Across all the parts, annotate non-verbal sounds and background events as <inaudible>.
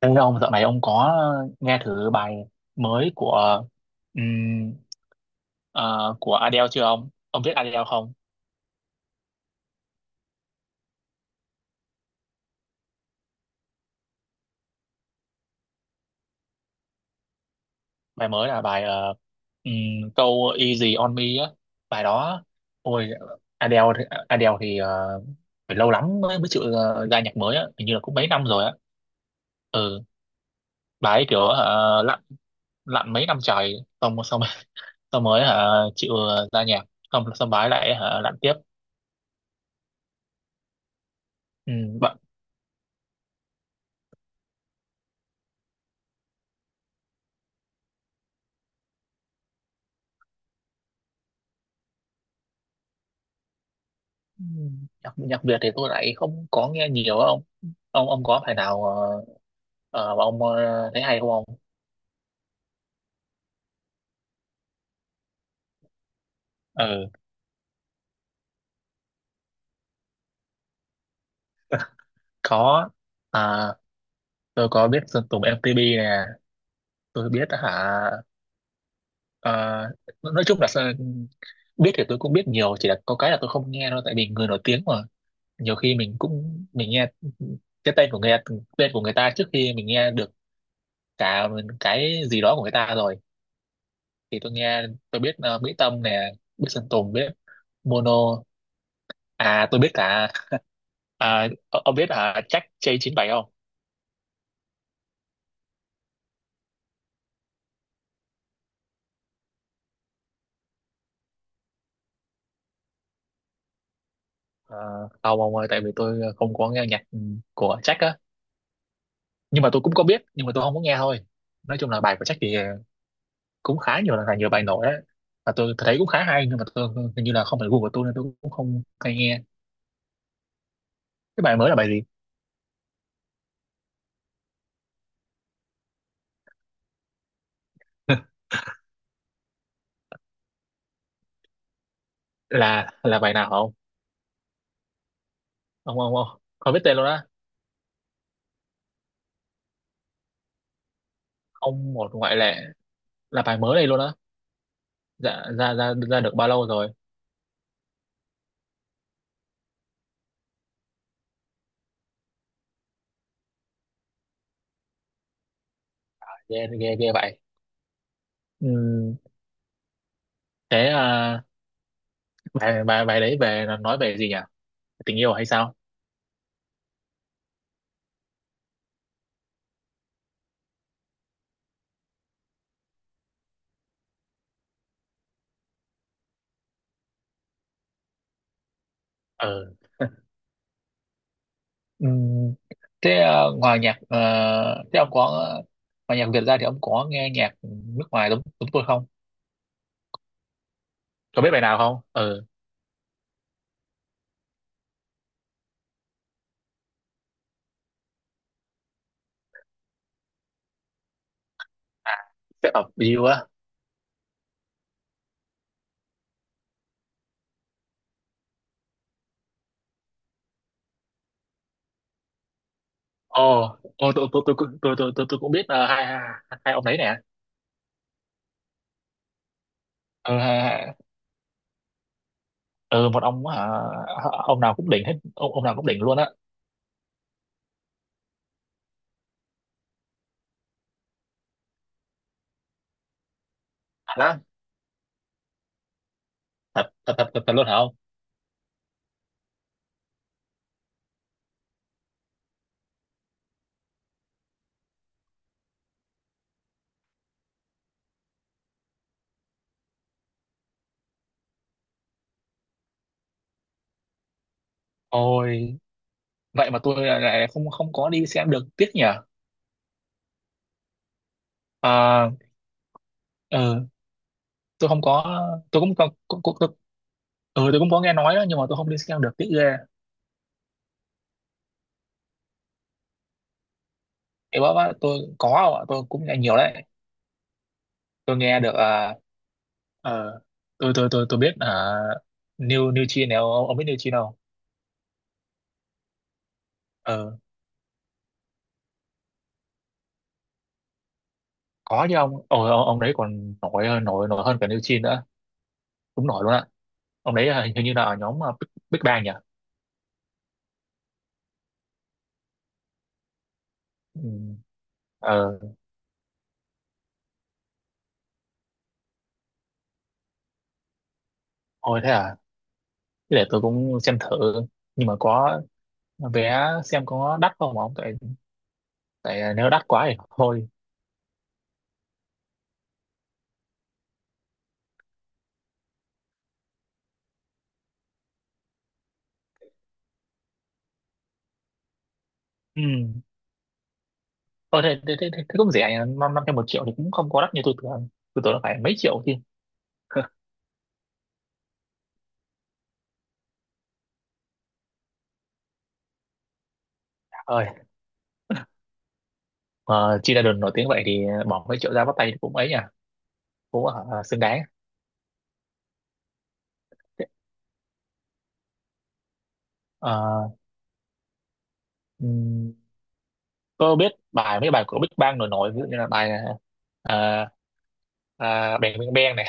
Thế ông dạo này ông có nghe thử bài mới của ừm, của Adele chưa ông? Ông biết Adele không? Bài mới là bài ừm, câu Easy on Me á. Bài đó ôi Adele thì phải lâu lắm mới mới chịu ra nhạc mới á, hình như là cũng mấy năm rồi á. Ừ, bà ấy kiểu lặn lặn mấy năm trời xong xong <laughs> xong mới hả chịu ra nhạc xong xong bà ấy lại hả lặn tiếp. Ừ, ừ, nhạc nhạc Việt thì tôi lại không có nghe nhiều á ông. Ông có phải nào mà ông thấy hay không ông? Ừ, có, à, tôi có biết Sơn Tùng MTP nè, tôi biết hả. ờ, nói chung là biết thì tôi cũng biết nhiều, chỉ là có cái là tôi không nghe thôi, tại vì người nổi tiếng mà nhiều khi mình cũng mình nghe cái tên của người, tên của người ta trước khi mình nghe được cả cái gì đó của người ta rồi thì tôi nghe. Tôi biết Mỹ Tâm nè, biết Sơn Tùng, biết Mono. À tôi biết cả. <laughs> À, ông biết à Jack j chín bảy không? À, không ông ơi, tại vì tôi không có nghe nhạc của Jack á. Nhưng mà tôi cũng có biết, nhưng mà tôi không có nghe thôi. Nói chung là bài của Jack thì cũng khá nhiều, là nhiều bài nổi á, và tôi thấy cũng khá hay, nhưng mà tôi hình như là không phải gu của tôi nên tôi cũng không hay nghe. Cái bài mới là bài gì? <laughs> Là bài nào không ông? Ông không biết tên luôn á? Không một ngoại lệ là bài mới đây luôn á? Dạ, ra ra ra được bao lâu rồi? Ghê ghê ghê vậy. Ừm, thế à, bài bài bài đấy về là nói về gì nhỉ, tình yêu hay sao? Ừ, <laughs> ừm, thế à, ngoài nhạc thế ông có, ngoài nhạc Việt ra thì ông có nghe nhạc nước ngoài giống chúng tôi không, có biết bài nào không? Ừ, à, Step Up You á. Ồ, tôi cũng biết hai hai hai ông đấy nè. Ừ, ừ một ông hả, ông nào cũng đỉnh hết, ông nào cũng đỉnh luôn á. Thật á? Thật thật thật thật thật luôn hả? Ôi, vậy mà tôi lại lại không không có đi xem được, tiếc nhỉ. À, ờ, tôi không có, tôi cũng có cũng, cũng, tôi, ừ, tôi cũng có nghe nói đó, nhưng mà tôi không đi xem được, tiếc ghê. Thì bác tôi có không ạ? Tôi cũng nghe nhiều đấy. Tôi nghe được à ờ, tôi biết à New New Chin này ông biết New Chin không? Ờ, có chứ ông. Ồ, ông đấy còn nổi hơn- nổi nổi hơn cả New Chin nữa. Đúng nổi luôn ạ. Ông đấy hình hình như là ở nhóm à, Big Bang nhỉ. Ừ. Ờ, thôi thế à. Thế để tôi cũng xem thử, nhưng mà có vé xem có đắt không ông, tại tại nếu đắt quá thì thôi. Ừ, ờ, thế cũng rẻ nhỉ, năm năm trăm một triệu thì cũng không có đắt như tôi tưởng, tôi tưởng là phải mấy triệu chứ. <laughs> Ơi, mà chi ra đường nổi tiếng vậy thì bỏ mấy triệu ra bắt tay thì cũng ấy nhỉ, cũng xứng đáng. Ờ, ừm, có biết bài mấy bài của Big Bang nổi nổi ví dụ như là bài à, à, Bang Bang Bang này.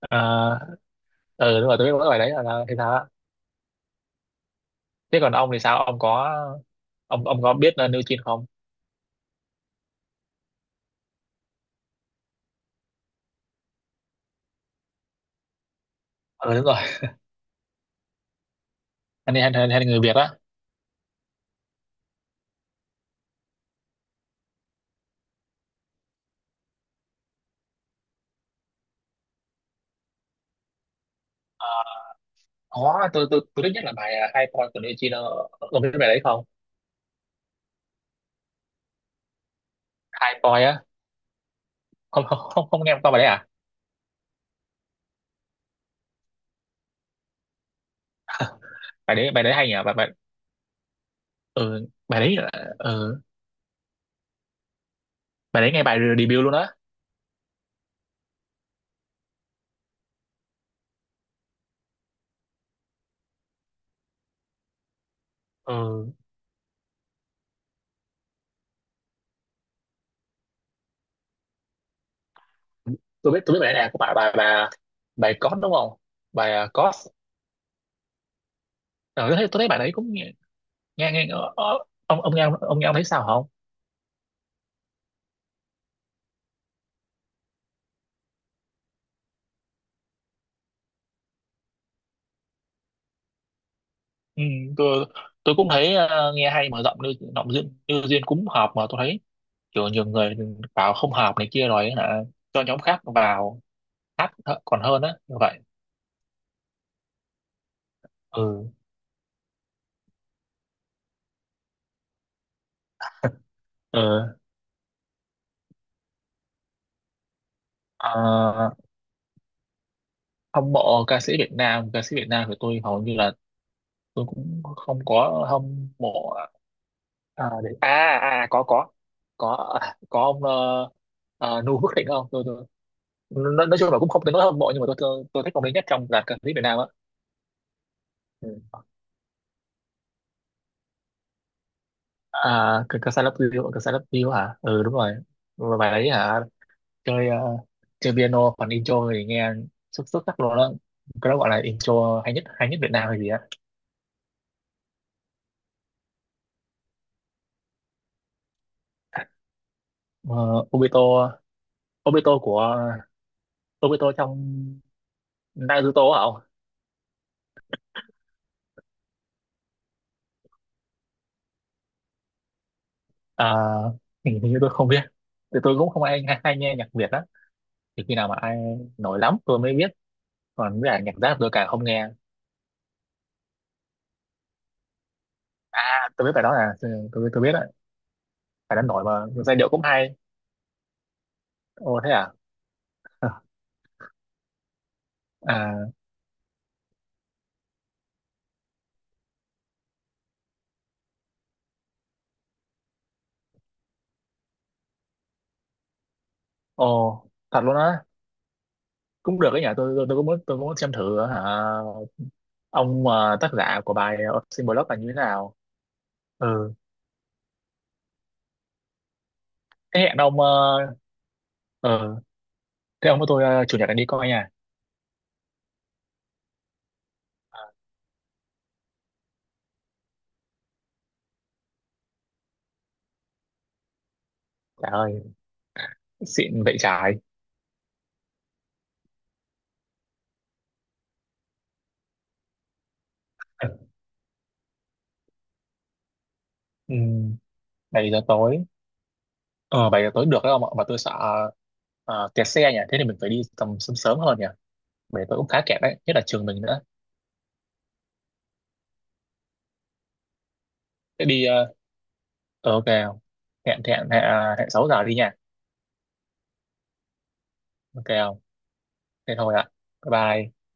Ờ, ừ đúng rồi, tôi biết mỗi bài đấy, là thế sao á. Thế còn ông thì sao, ông có, ông có biết New Jeans không? Ừ, đúng rồi, anh hay hay người Việt á. Ờ, có, tôi thích nhất là bài à, High Point của Nechino, ông biết bài đấy không? High Point á, không nghe qua bài đấy à. Bài đấy hay nhỉ, bài bài ừ, bài đấy là, ừ, bài đấy nghe bài debut luôn á. Ừ, tôi biết bài này của bà bài Cos đúng không, bài à, Cos. Ờ, tôi thấy bài đấy cũng nghe nghe ông nghe, ông ông thấy sao không? Ừ, tôi cũng thấy nghe hay mở rộng, như giọng duyên như duyên cũng hợp, mà tôi thấy kiểu nhiều người bảo không hợp này kia rồi ấy hả, cho nhóm khác vào còn hơn á như vậy. Ừ, ừ, à, hâm mộ ca sĩ Việt Nam, ca sĩ Việt Nam của tôi hầu như là tôi cũng không có hâm mộ. À, để... à, à có, có à, có ông à, Nu Phước Thịnh không, tôi, tôi nói, chung là cũng không tới nỗi hâm mộ, nhưng mà tôi thích ông đấy nhất trong dàn ca sĩ Việt Nam á. Ừ. À cái ca sĩ Love You, ca sĩ Love You hả ừ đúng rồi. Và bài đấy hả chơi chơi piano còn intro thì nghe xuất xuất sắc luôn đó, cái đó gọi là intro hay nhất, hay nhất Việt Nam hay gì á. Ờ, Obito, Obito của Obito trong Naruto á không? À, hình hình như tôi không biết thì tôi cũng không ai hay, hay nghe nhạc Việt á, thì khi nào mà ai nổi lắm tôi mới biết, còn với cả nhạc rap tôi càng không nghe. À, tôi biết bài đó, là tôi biết đấy, bài đó nổi mà giai điệu cũng hay. Ồ thế à. <laughs> À ồ, thật luôn á, cũng được cái nhà tôi cũng muốn, cũng muốn xem thử hả. Ông tác giả của bài Sinh Blog là như thế nào? Ừ, thế hẹn ông ờ, thế ông với tôi chủ nhật anh đi coi nha. Trời ơi, xịn vậy trái. Ừ, 7 giờ tối, ờ 7 giờ tối được đấy ông ạ, mà tôi sợ kẹt xe nhỉ, thế thì mình phải đi tầm sớm sớm hơn nhỉ. 7 giờ tối cũng khá kẹt đấy, nhất là trường mình nữa. Thế đi ok không? Hẹn hẹn hẹn à, hẹn 6 giờ đi nha. Ok không? Thế thôi ạ, bye bye.